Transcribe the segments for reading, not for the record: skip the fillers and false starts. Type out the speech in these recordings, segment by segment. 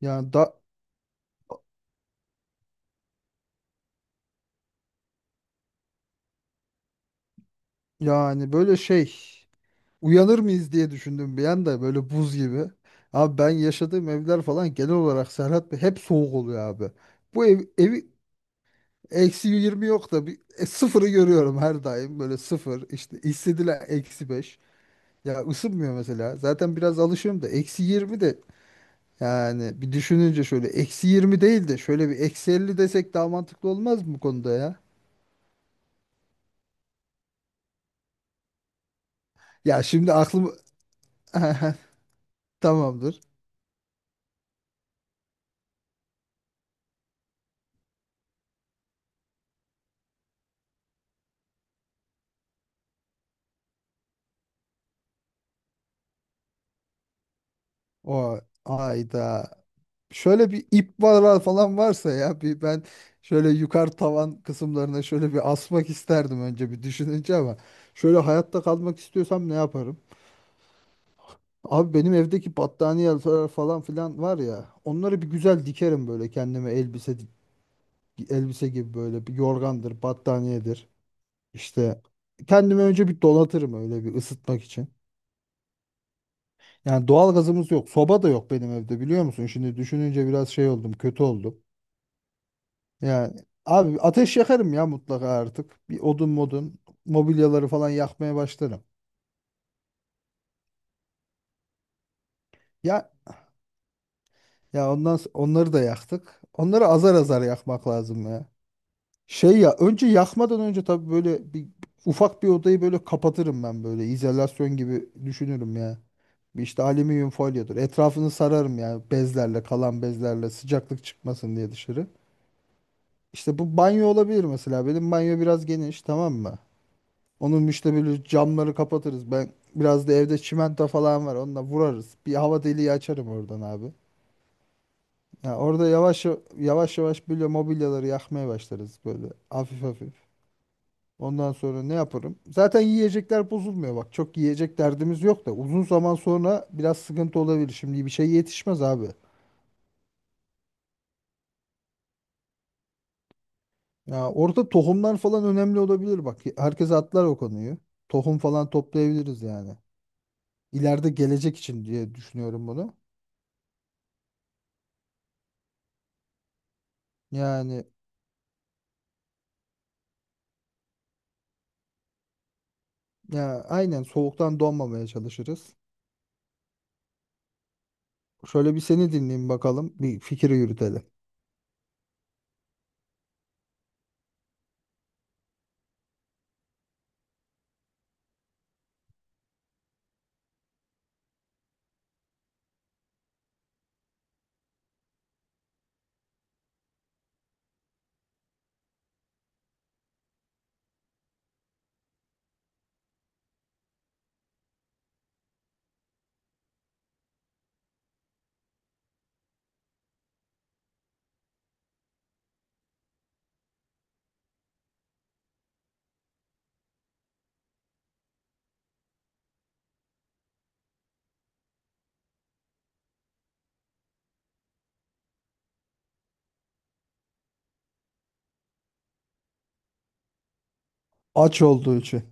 Yani da yani böyle şey Uyanır mıyız diye düşündüm bir anda, böyle buz gibi. Abi, ben yaşadığım evler falan genel olarak, Serhat Bey, hep soğuk oluyor abi. Bu ev eksi 20 yok da bir sıfırı görüyorum her daim, böyle sıfır işte, hissedilen eksi 5. Ya ısınmıyor mesela, zaten biraz alışıyorum da eksi 20 de. Yani bir düşününce, şöyle eksi 20 değil de şöyle bir eksi 50 desek daha mantıklı olmaz mı bu konuda ya? Ya şimdi aklım... Tamamdır. O ayda şöyle bir ip var falan varsa ya, bir ben şöyle yukarı tavan kısımlarına şöyle bir asmak isterdim önce bir düşününce. Ama şöyle hayatta kalmak istiyorsam ne yaparım? Abi benim evdeki battaniyeler falan filan var ya, onları bir güzel dikerim böyle kendime, elbise gibi, böyle bir yorgandır, battaniyedir. İşte kendimi önce bir donatırım, öyle bir ısıtmak için. Yani doğal gazımız yok, soba da yok benim evde, biliyor musun? Şimdi düşününce biraz şey oldum, kötü oldum. Yani abi, ateş yakarım ya mutlaka artık. Bir odun modun, mobilyaları falan yakmaya başlarım. Ya onları da yaktık. Onları azar azar yakmak lazım ya. Şey ya, önce yakmadan önce tabii böyle bir ufak bir odayı böyle kapatırım ben, böyle izolasyon gibi düşünürüm ya. Bir işte, alüminyum folyodur, etrafını sararım ya bezlerle, kalan bezlerle, sıcaklık çıkmasın diye dışarı. İşte bu banyo olabilir mesela. Benim banyo biraz geniş, tamam mı? Onun müştebiliriz, camları kapatırız. Ben biraz da evde çimento falan var. Onunla vurarız. Bir hava deliği açarım oradan abi. Ya orada yavaş yavaş yavaş böyle mobilyaları yakmaya başlarız, böyle hafif hafif. Ondan sonra ne yaparım? Zaten yiyecekler bozulmuyor bak. Çok yiyecek derdimiz yok da, uzun zaman sonra biraz sıkıntı olabilir. Şimdi bir şey yetişmez abi. Ya orada tohumlar falan önemli olabilir bak. Herkes atlar o konuyu. Tohum falan toplayabiliriz yani. İleride gelecek için diye düşünüyorum bunu. Yani, ya aynen, soğuktan donmamaya çalışırız. Şöyle bir seni dinleyeyim bakalım. Bir fikri yürütelim. Aç olduğu için.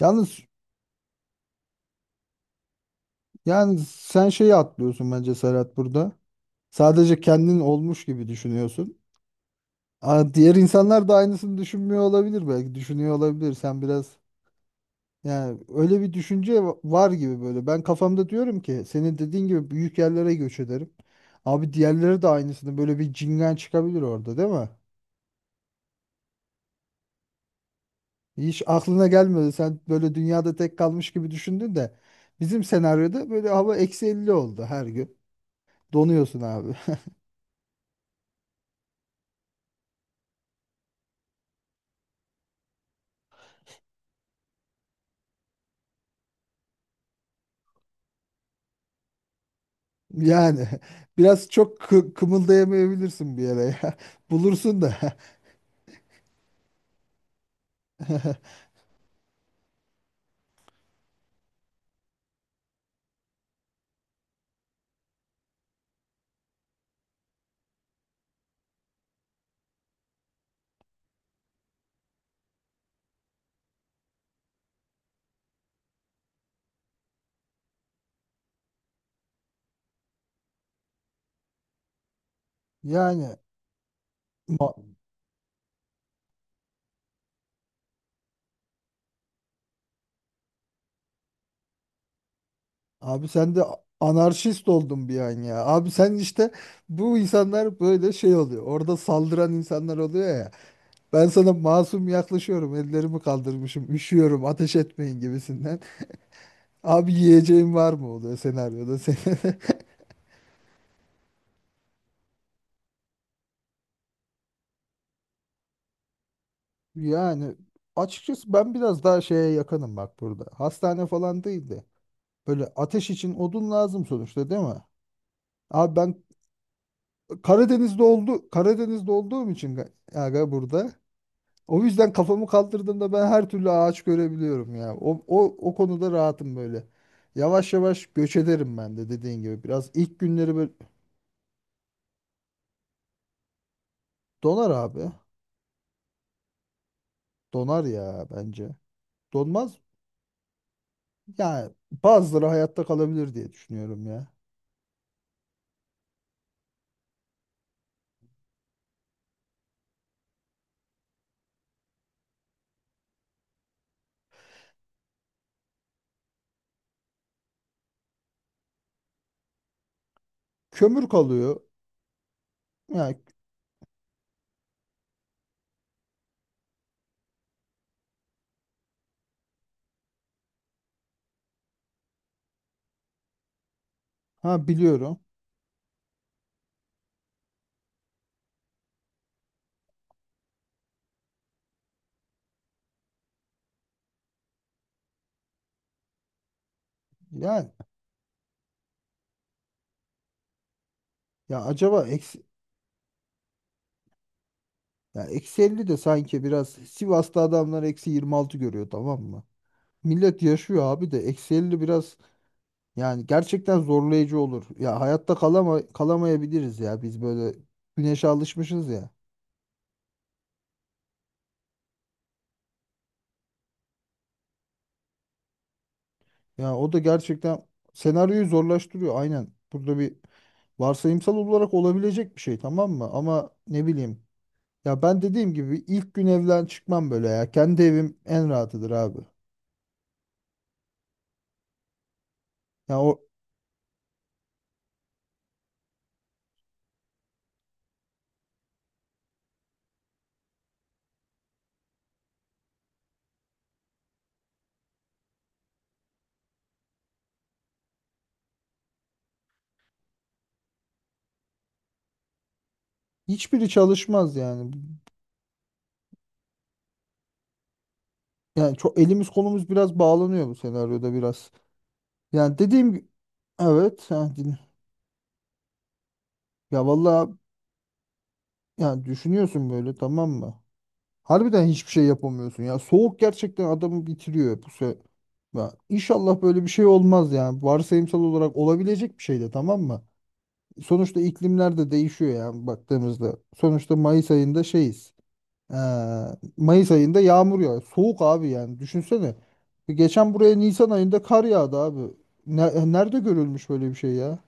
Yalnız yani, sen şeyi atlıyorsun bence Serhat burada. Sadece kendin olmuş gibi düşünüyorsun. Aa, diğer insanlar da aynısını düşünmüyor olabilir belki. Düşünüyor olabilir. Sen biraz yani, öyle bir düşünce var gibi böyle. Ben kafamda diyorum ki, senin dediğin gibi büyük yerlere göç ederim. Abi, diğerleri de aynısını, böyle bir cingen çıkabilir orada, değil mi? Hiç aklına gelmedi. Sen böyle dünyada tek kalmış gibi düşündün de bizim senaryoda böyle hava eksi 50 oldu her gün. Donuyorsun abi. Yani biraz çok kımıldayamayabilirsin bir yere ya. Bulursun da. Yani ma- Abi sen de anarşist oldun bir an ya. Abi sen işte, bu insanlar böyle şey oluyor. Orada saldıran insanlar oluyor ya. Ben sana masum yaklaşıyorum. Ellerimi kaldırmışım. Üşüyorum. Ateş etmeyin gibisinden. Abi yiyeceğim var mı oluyor senaryoda senin. Yani açıkçası ben biraz daha şeye yakınım bak burada. Hastane falan değil de, böyle ateş için odun lazım sonuçta, değil mi? Abi ben Karadeniz'de oldu, Karadeniz'de olduğum için aga burada. O yüzden kafamı kaldırdığımda ben her türlü ağaç görebiliyorum ya. O konuda rahatım böyle. Yavaş yavaş göç ederim ben de dediğin gibi. Biraz ilk günleri böyle, donar abi. Donar ya bence. Donmaz. Yani bazıları hayatta kalabilir diye düşünüyorum ya. Kömür kalıyor. Yani ha, biliyorum. Yani ya acaba eksi, ya eksi 50 de sanki, biraz Sivas'ta adamlar eksi 26 görüyor, tamam mı? Millet yaşıyor abi de, eksi 50 biraz yani gerçekten zorlayıcı olur. Ya hayatta kalamayabiliriz ya biz, böyle güneşe alışmışız ya. Ya o da gerçekten senaryoyu zorlaştırıyor aynen. Burada bir varsayımsal olarak olabilecek bir şey, tamam mı? Ama ne bileyim, ya ben dediğim gibi ilk gün evden çıkmam böyle ya. Kendi evim en rahatıdır abi. Ya o, hiçbiri çalışmaz yani. Yani çok elimiz kolumuz biraz bağlanıyor bu senaryoda biraz. Yani dediğim gibi evet, ya vallahi, yani düşünüyorsun böyle, tamam mı? Harbiden hiçbir şey yapamıyorsun ya. Soğuk gerçekten adamı bitiriyor bu se ya inşallah böyle bir şey olmaz yani. Varsayımsal olarak olabilecek bir şey de, tamam mı? Sonuçta iklimler de değişiyor yani baktığımızda. Sonuçta Mayıs ayında şeyiz. Ee, Mayıs ayında yağmur yağıyor. Soğuk abi yani. Düşünsene. Geçen buraya Nisan ayında kar yağdı abi. Nerede görülmüş böyle bir şey ya?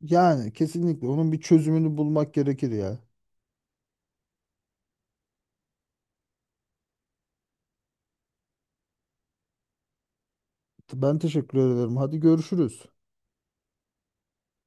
Yani kesinlikle onun bir çözümünü bulmak gerekir ya. Ben teşekkür ederim. Hadi görüşürüz.